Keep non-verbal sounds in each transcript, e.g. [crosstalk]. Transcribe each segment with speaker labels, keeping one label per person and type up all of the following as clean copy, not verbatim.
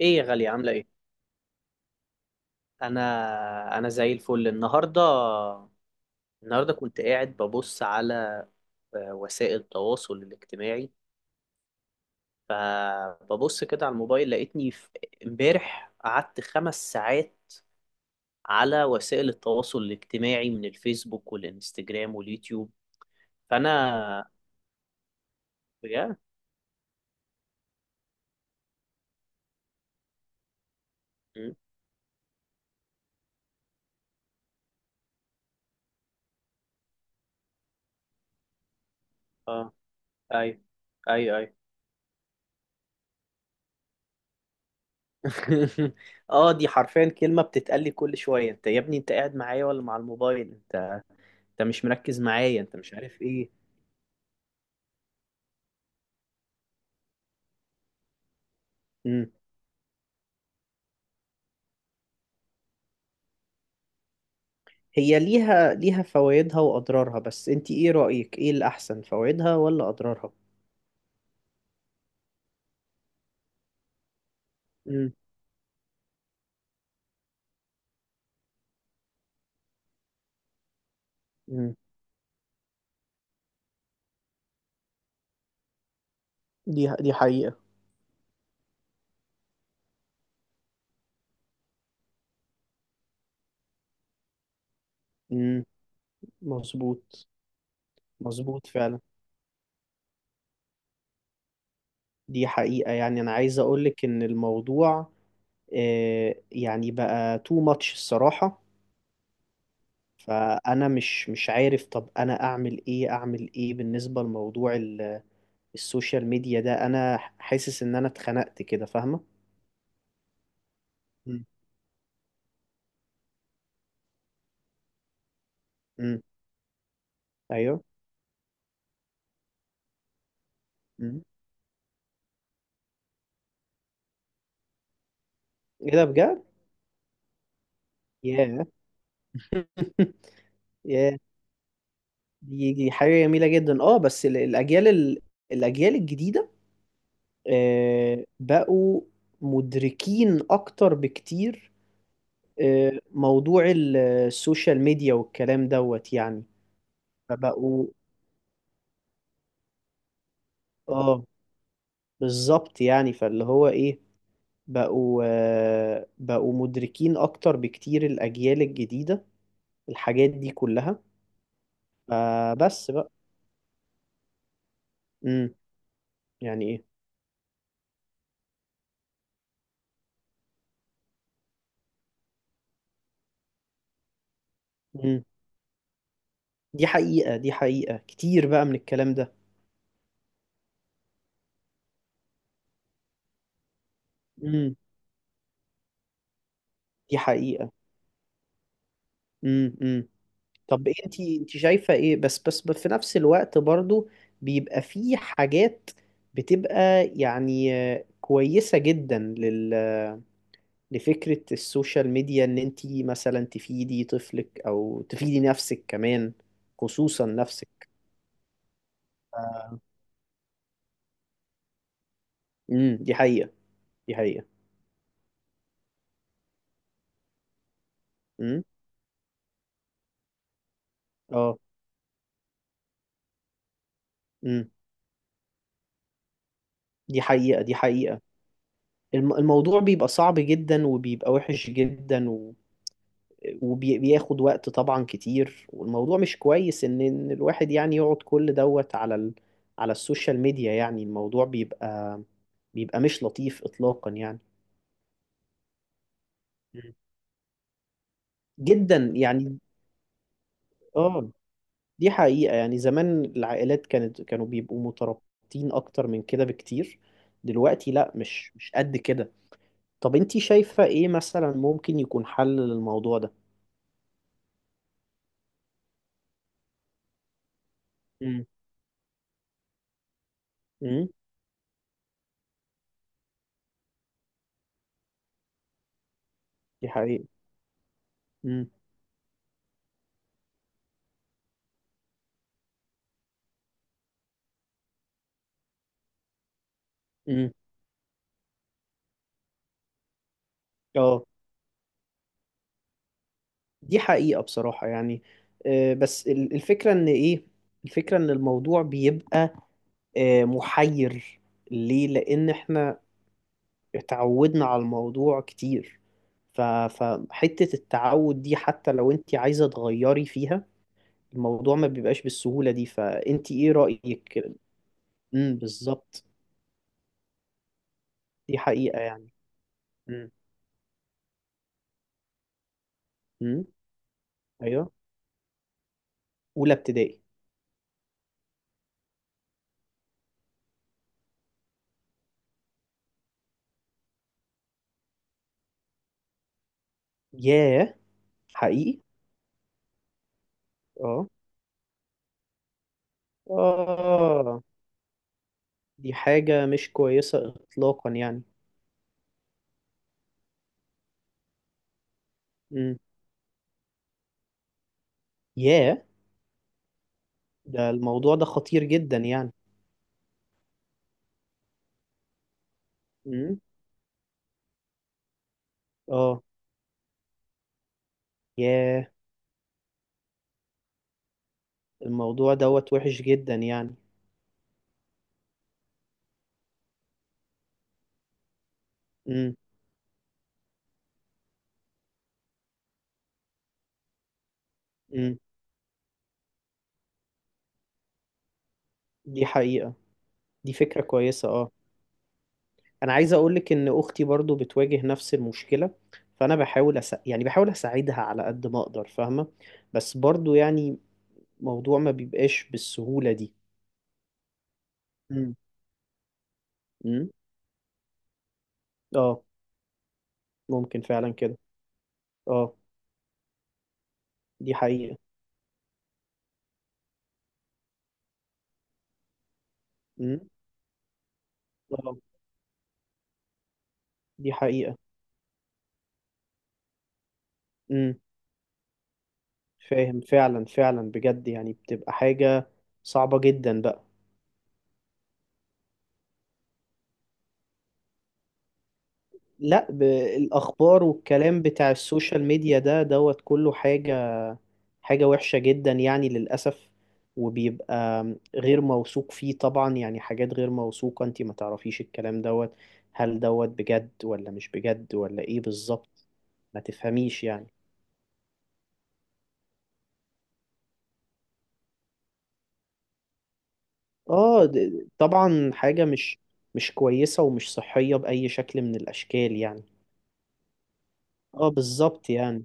Speaker 1: ايه يا غالية، عاملة ايه؟ انا زي الفل. النهاردة كنت قاعد ببص على وسائل التواصل الاجتماعي. فببص كده على الموبايل، لقيتني امبارح قعدت 5 ساعات على وسائل التواصل الاجتماعي، من الفيسبوك والانستجرام واليوتيوب. فانا بجد. مم. اه، ايوه ايوه ايوه. [laughs] اه، دي حرفيا كلمة بتتقال لي كل شوية: انت يا ابني، انت قاعد معايا ولا مع الموبايل؟ انت مش مركز معايا، انت مش عارف ايه. امم. هي ليها فوائدها واضرارها، بس انت ايه رأيك، ايه الاحسن، فوائدها ولا اضرارها؟ امم امم. دي حقيقة. امم. مظبوط. مظبوط فعلا. دي حقيقة. يعني انا عايز اقولك ان الموضوع يعني بقى تو ماتش الصراحة. فانا مش عارف، طب انا اعمل ايه؟ اعمل ايه بالنسبة لموضوع السوشيال ميديا ده؟ انا حاسس ان انا اتخنقت كده، فاهمة؟ امم امم. ايوه. مم. ايه ده بجد! ياه. [laughs] ياه. دي حاجة جميلة جدا. اه، بس الأجيال الأجيال الجديدة بقوا مدركين أكتر بكتير. موضوع السوشيال ميديا والكلام دوت يعني. فبقوا. اه بالظبط، يعني فاللي هو ايه، بقوا مدركين أكتر بكتير، الأجيال الجديدة، الحاجات دي كلها. فبس بقى. امم. يعني ايه. دي حقيقة، دي حقيقة. كتير بقى من الكلام ده. امم. دي حقيقة. امم. طب انت شايفة ايه؟ بس في نفس الوقت برضو بيبقى في حاجات بتبقى يعني كويسة جدا لفكرة السوشيال ميديا، ان انت مثلا تفيدي طفلك او تفيدي نفسك كمان، خصوصا نفسك. آه. امم، دي حقيقة. دي حقيقة. امم. اه. امم. دي حقيقة. دي حقيقة. الموضوع بيبقى صعب جدا، وبيبقى وحش جدا وبياخد وقت طبعا كتير، والموضوع مش كويس إن الواحد يعني يقعد كل دوت على على السوشيال ميديا. يعني الموضوع بيبقى مش لطيف اطلاقا يعني. مم. جدا يعني. اه دي حقيقة. يعني زمان العائلات كانوا بيبقوا مترابطين اكتر من كده بكتير، دلوقتي لا، مش قد كده. طب انتي شايفة ايه مثلا ممكن يكون حل للموضوع ده؟ مم. امم، دي حقيقة. امم امم. اه دي حقيقة، بصراحة يعني بس الفكرة ان ايه، الفكرة ان الموضوع بيبقى محير، ليه؟ لان احنا اتعودنا على الموضوع كتير. فحتة التعود دي، حتى لو انت عايزة تغيري فيها، الموضوع ما بيبقاش بالسهولة دي. فانت ايه رأيك؟ امم، بالظبط. دي حقيقة يعني. امم امم. ايوه. اولى ابتدائي. ياه. حقيقي. اه. اه، دي حاجة مش كويسة إطلاقا يعني. امم. ياه. ده الموضوع ده خطير جدا يعني. امم. اه. ياه. الموضوع دوت وحش جدا يعني. امم امم، دي حقيقة. دي فكرة كويسة، اه. أنا عايز أقولك إن أختي برضو بتواجه نفس المشكلة، فأنا بحاول يعني بحاول أساعدها على قد ما أقدر، فاهمة؟ بس برضو يعني موضوع ما بيبقاش بالسهولة دي. امم امم. اه. ممكن فعلا كده. اه، دي حقيقة. امم. اه، دي حقيقة. امم. فاهم، فعلا فعلا، بجد يعني، بتبقى حاجة صعبة جدا بقى. لا الأخبار والكلام بتاع السوشيال ميديا ده دوت كله حاجة وحشة جدا يعني للأسف، وبيبقى غير موثوق فيه طبعا، يعني حاجات غير موثوقة. انتي ما تعرفيش الكلام دوت، هل دوت بجد ولا مش بجد ولا ايه بالظبط. ما تفهميش يعني. اه طبعا، حاجة مش كويسة ومش صحية بأي شكل من الأشكال يعني. اه بالظبط يعني.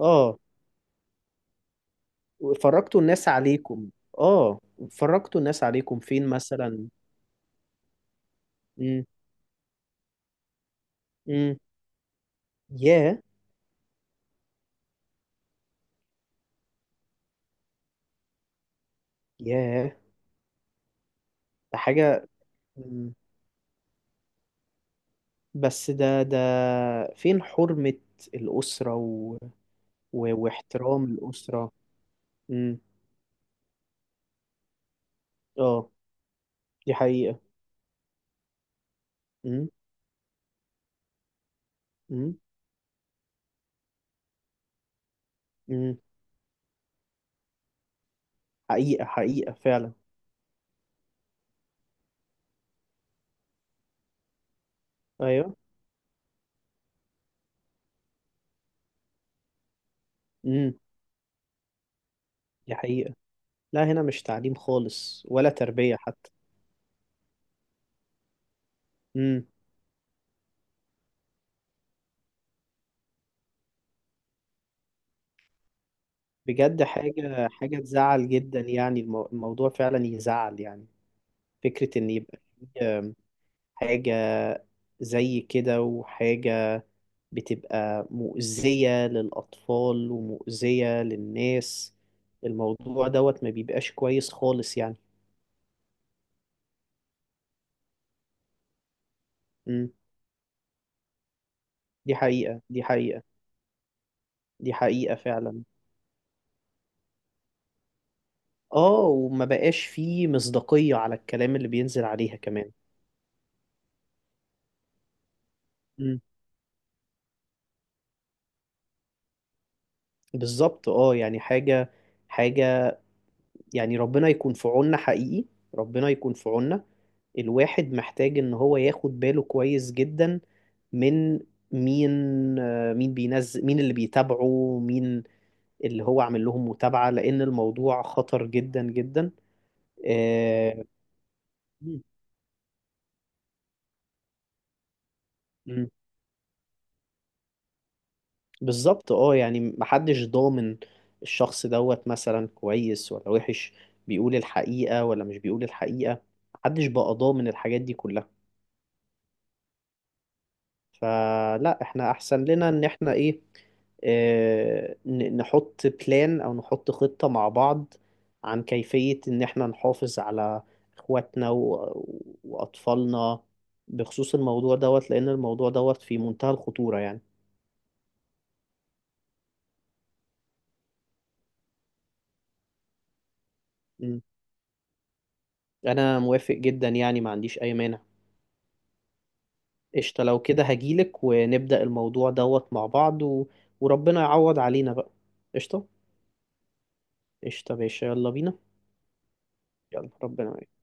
Speaker 1: اه، فرجتوا الناس عليكم. اه. فرجتوا الناس عليكم فين مثلا؟ امم امم. ياه. ياه. ده حاجة. مم. بس ده فين حرمة الأسرة واحترام الأسرة. امم. اه دي حقيقة. امم امم امم. حقيقة حقيقة فعلا. ايوه. امم، دي حقيقة. لا، هنا مش تعليم خالص ولا تربية حتى. مم. بجد، حاجة تزعل جدا يعني. الموضوع فعلا يزعل يعني. فكرة إن يبقى في حاجة زي كده، وحاجة بتبقى مؤذية للأطفال ومؤذية للناس. الموضوع دوت ما بيبقاش كويس خالص يعني. مم. دي حقيقة، دي حقيقة. دي حقيقة فعلا. آه، وما بقاش فيه مصداقية على الكلام اللي بينزل عليها كمان. مم. بالظبط. يعني حاجة يعني ربنا يكون في عوننا حقيقي. ربنا يكون في عوننا. الواحد محتاج ان هو ياخد باله كويس جدا من مين. مين بينزل، مين اللي بيتابعه، مين اللي هو عامل لهم متابعة، لان الموضوع خطر جدا جدا. آه. مم. مم. بالظبط. اه يعني محدش ضامن الشخص دوت مثلا كويس ولا وحش، بيقول الحقيقة ولا مش بيقول الحقيقة. محدش بقى ضامن الحاجات دي كلها. فلا، احنا احسن لنا ان احنا ايه، نحط بلان او نحط خطة مع بعض، عن كيفية ان احنا نحافظ على اخواتنا واطفالنا، بخصوص الموضوع دوت، لان الموضوع دوت في منتهى الخطورة يعني. مم. انا موافق جدا يعني، ما عنديش اي مانع. قشطة، لو كده هجيلك ونبدأ الموضوع دوت مع بعض وربنا يعوض علينا بقى. قشطة. قشطة يا باشا، يلا بينا. يلا ربنا.